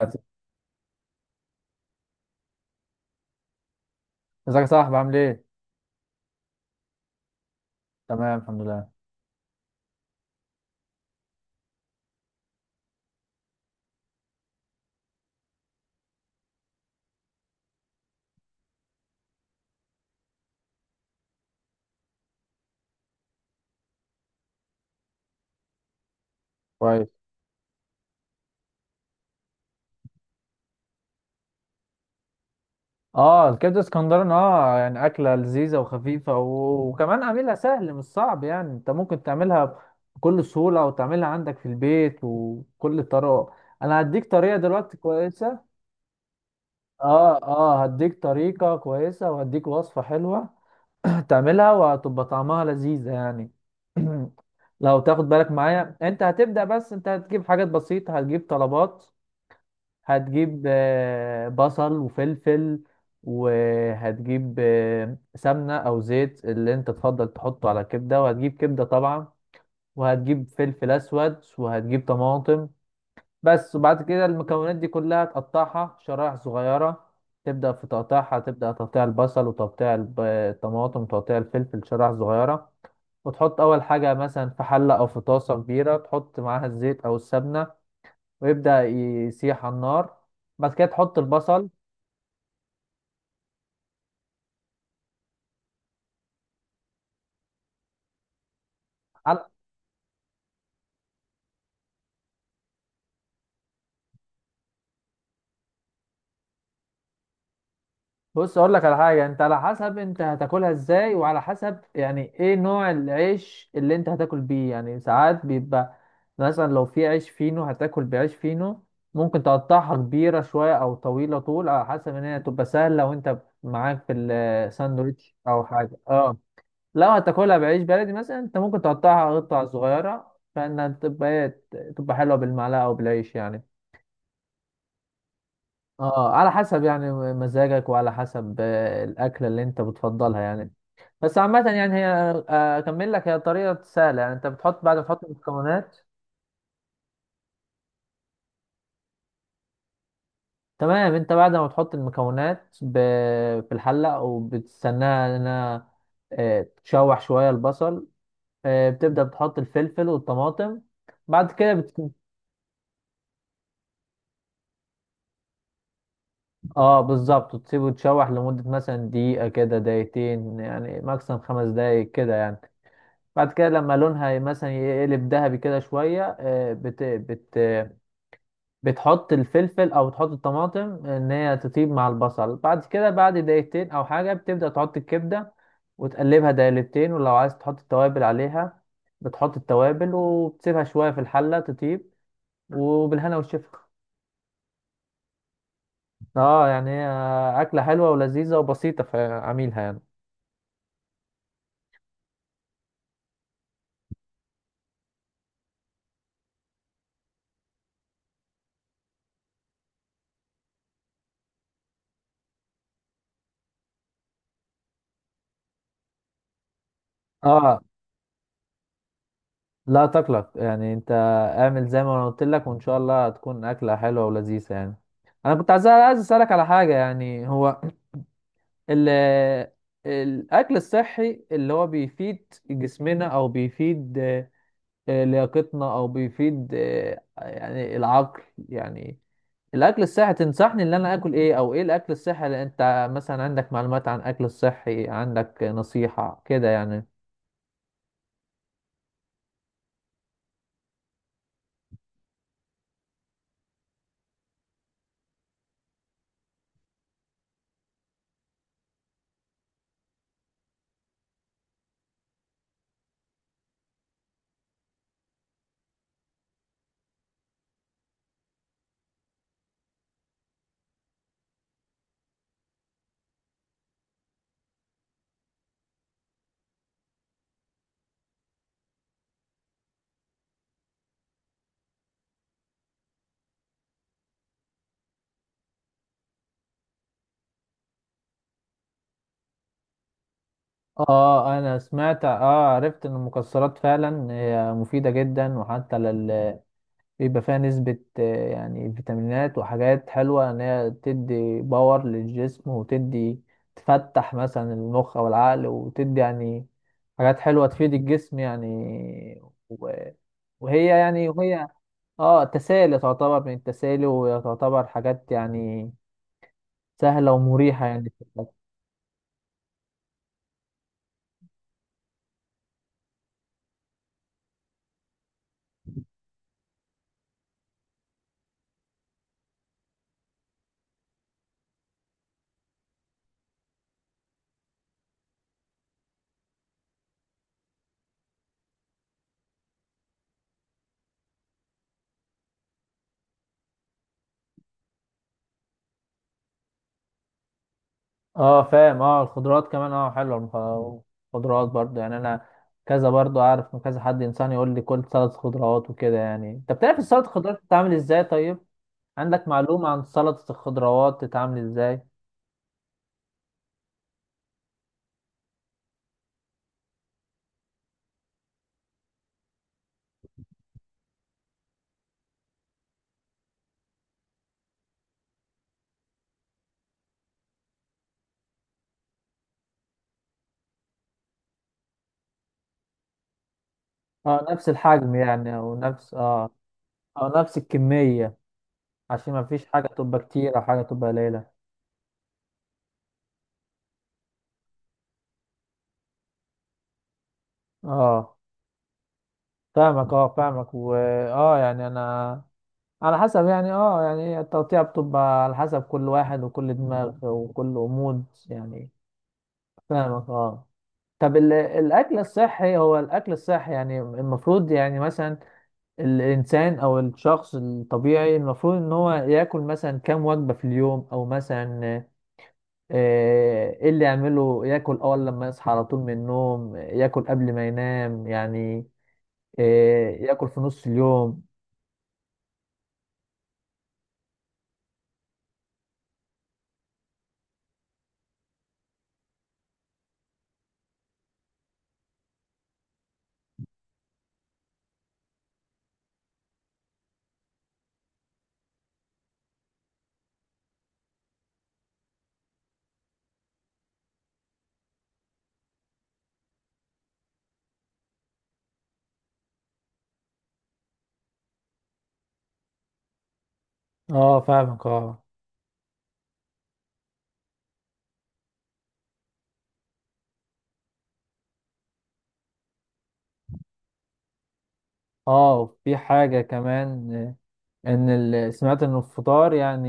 ازيك يا صاحبي، عامل ايه؟ تمام، الحمد لله. كويس. اه، الكبده اسكندراني اه يعني اكله لذيذه وخفيفه وكمان عاملها سهل، مش صعب، يعني انت ممكن تعملها بكل سهوله وتعملها عندك في البيت وكل طرق. انا هديك طريقه دلوقتي كويسه. اه اه، هديك طريقه كويسه وهديك وصفه حلوه. تعملها وهتبقى طعمها لذيذه يعني. لو تاخد بالك معايا، انت هتبدا، بس انت هتجيب حاجات بسيطه، هتجيب طلبات. هتجيب بصل وفلفل، وهتجيب سمنة أو زيت اللي أنت تفضل تحطه على الكبدة، وهتجيب كبدة طبعا، وهتجيب فلفل أسود، وهتجيب طماطم بس. وبعد كده المكونات دي كلها تقطعها شرائح صغيرة، تبدأ في تقطيعها، تبدأ تقطيع البصل وتقطيع الطماطم وتقطيع الفلفل شرائح صغيرة. وتحط أول حاجة مثلا في حلة أو في طاسة كبيرة، تحط معاها الزيت أو السمنة ويبدأ يسيح على النار. بعد كده تحط البصل على. بص، اقول لك على حاجه: انت على حسب انت هتاكلها ازاي، وعلى حسب يعني ايه نوع العيش اللي انت هتاكل بيه. يعني ساعات بيبقى مثلا لو في عيش فينو هتاكل بعيش فينو، ممكن تقطعها كبيره شويه او طويله طول، على حسب ان هي تبقى سهله وانت معاك في الساندوتش او حاجه، اه. لو هتاكلها بعيش بلدي مثلا، انت ممكن تقطعها قطع صغيره فانها تبقى تبقى حلوه بالمعلقه او بالعيش يعني. اه، على حسب يعني مزاجك وعلى حسب الاكله اللي انت بتفضلها يعني. بس عامه، يعني هي اكمل لك، هي طريقه سهله. يعني انت بتحط بعد ما تحط المكونات، تمام، انت بعد ما تحط المكونات في الحله وبتستناها انها تشوح شويه البصل. بتبدا بتحط الفلفل والطماطم. بعد كده بت... اه بالظبط، وتسيبه يتشوح لمده مثلا دقيقه كده، دقيقتين، يعني ماكسيمم 5 دقايق كده يعني. بعد كده لما لونها مثلا يقلب ذهبي كده شوية، آه، بت بت بتحط الفلفل أو تحط الطماطم إن هي تطيب مع البصل. بعد كده بعد دقيقتين أو حاجة بتبدأ تحط الكبدة وتقلبها دقيقتين، ولو عايز تحط التوابل عليها بتحط التوابل وبتسيبها شوية في الحلة تطيب. وبالهنا والشفا. اه يعني هي أكلة حلوة ولذيذة وبسيطة في عميلها يعني. اه لا تقلق يعني، انت اعمل زي ما انا قلت لك وان شاء الله هتكون اكله حلوه ولذيذه يعني. انا كنت عايز اسالك على حاجه يعني. هو ال الاكل الصحي اللي هو بيفيد جسمنا او بيفيد لياقتنا او بيفيد يعني العقل. يعني الاكل الصحي تنصحني ان انا اكل ايه؟ او ايه الاكل الصحي اللي انت مثلا عندك معلومات عن الاكل الصحي، عندك نصيحه كده يعني. اه، انا سمعت، اه عرفت ان المكسرات فعلا هي مفيدة جدا، وحتى لل بيبقى فيها نسبة يعني فيتامينات وحاجات حلوة، ان هي تدي باور للجسم وتدي، تفتح مثلا المخ او العقل وتدي يعني حاجات حلوة تفيد الجسم يعني. و- وهي يعني، وهي اه تسالي، تعتبر من التسالي، وتعتبر حاجات يعني سهلة ومريحة يعني. اه فاهم، اه الخضروات كمان اه حلوه، الخضروات برضو يعني انا كذا، برضو اعرف من كذا حد انسان يقول لي كل سلطه خضروات وكده. يعني انت بتعرف السلطه الخضروات بتتعمل ازاي؟ طيب عندك معلومه عن سلطه الخضروات بتتعمل ازاي؟ اه نفس الحجم يعني، او نفس اه، او نفس الكميه، عشان ما فيش حاجه تبقى كتير او حاجه تبقى قليله. اه فاهمك، اه فاهمك، و اه يعني انا، على حسب يعني اه يعني التقطيع بتبقى على حسب كل واحد وكل دماغ وكل أمود يعني. فاهمك اه. طب الاكل الصحي، هو الاكل الصحي يعني المفروض يعني مثلا الانسان او الشخص الطبيعي المفروض ان هو ياكل مثلا كام وجبة في اليوم؟ او مثلا ايه اللي يعمله؟ ياكل اول لما يصحى على طول من النوم؟ ياكل قبل ما ينام يعني ياكل في نص اليوم؟ اه فاهمك اه. اه في حاجة كمان ان سمعت ان الفطار يعني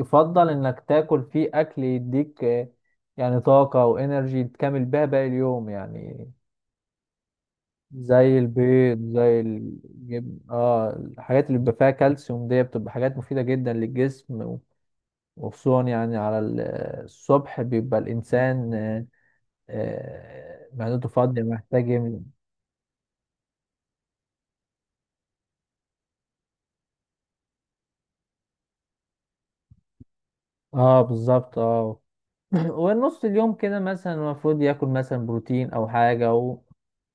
يفضل انك تاكل فيه اكل يديك يعني طاقة وانرجي تكمل بيها باقي اليوم يعني، زي البيض، زي الجبن، اه الحاجات اللي بيبقى فيها كالسيوم دي بتبقى حاجات مفيدة جدا للجسم. وخصوصا يعني على الصبح بيبقى الانسان معدته فاضية، محتاج اه بالظبط اه. ونص اليوم كده مثلا المفروض ياكل مثلا بروتين او حاجه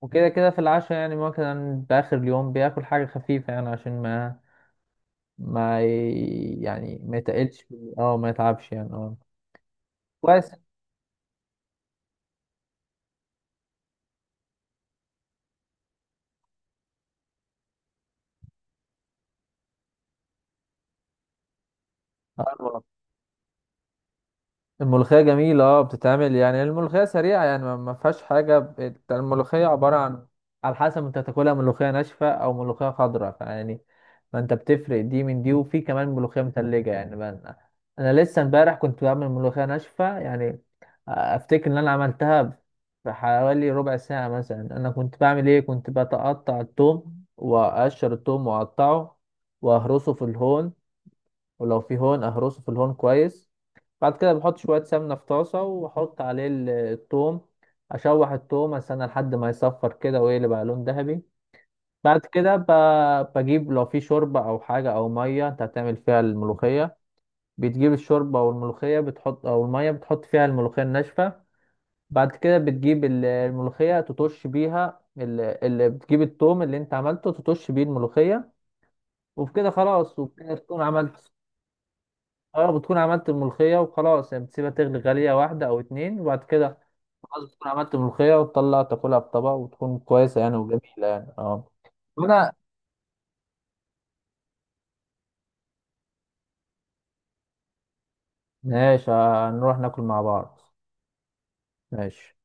وكده كده في العشاء يعني مثلا في اخر اليوم بياكل حاجه خفيفه يعني عشان ما ما ي... يعني ما يتقلش. اه ما يتعبش يعني اه. كويس اه. الملوخية جميلة اه، بتتعمل يعني الملوخية سريعة يعني ما فيهاش حاجة الملوخية عبارة عن، على حسب انت تاكلها ملوخية ناشفة او ملوخية خضراء فيعني، ما انت بتفرق دي من دي، وفي كمان ملوخية متلجة يعني. بقى انا لسه امبارح كنت بعمل ملوخية ناشفة يعني افتكر ان انا عملتها في حوالي ربع ساعة مثلا. انا كنت بعمل ايه، كنت بتقطع الثوم واقشر الثوم واقطعه واهرسه في الهون، ولو في هون اهرسه في الهون كويس. بعد كده بحط شوية سمنة في طاسة وأحط عليه التوم، أشوح التوم، أستنى لحد ما يصفر كده ويقلب على لون ذهبي. بعد كده بجيب لو في شوربة أو حاجة أو مية أنت هتعمل فيها الملوخية، بتجيب الشوربة أو الملوخية بتحط، أو المية بتحط فيها الملوخية الناشفة. بعد كده بتجيب الملوخية تطش بيها، اللي بتجيب التوم اللي أنت عملته تطش بيه الملوخية. وبكده خلاص، وبكده تكون عملت. اه بتكون عملت الملوخية وخلاص يعني، بتسيبها تغلي غلية واحدة أو اتنين وبعد كده خلاص، بتكون عملت ملوخية وتطلع تاكلها بطبق وتكون كويسة يعني وجميلة يعني اه. وانا ماشي، هنروح ناكل مع بعض. ماشي.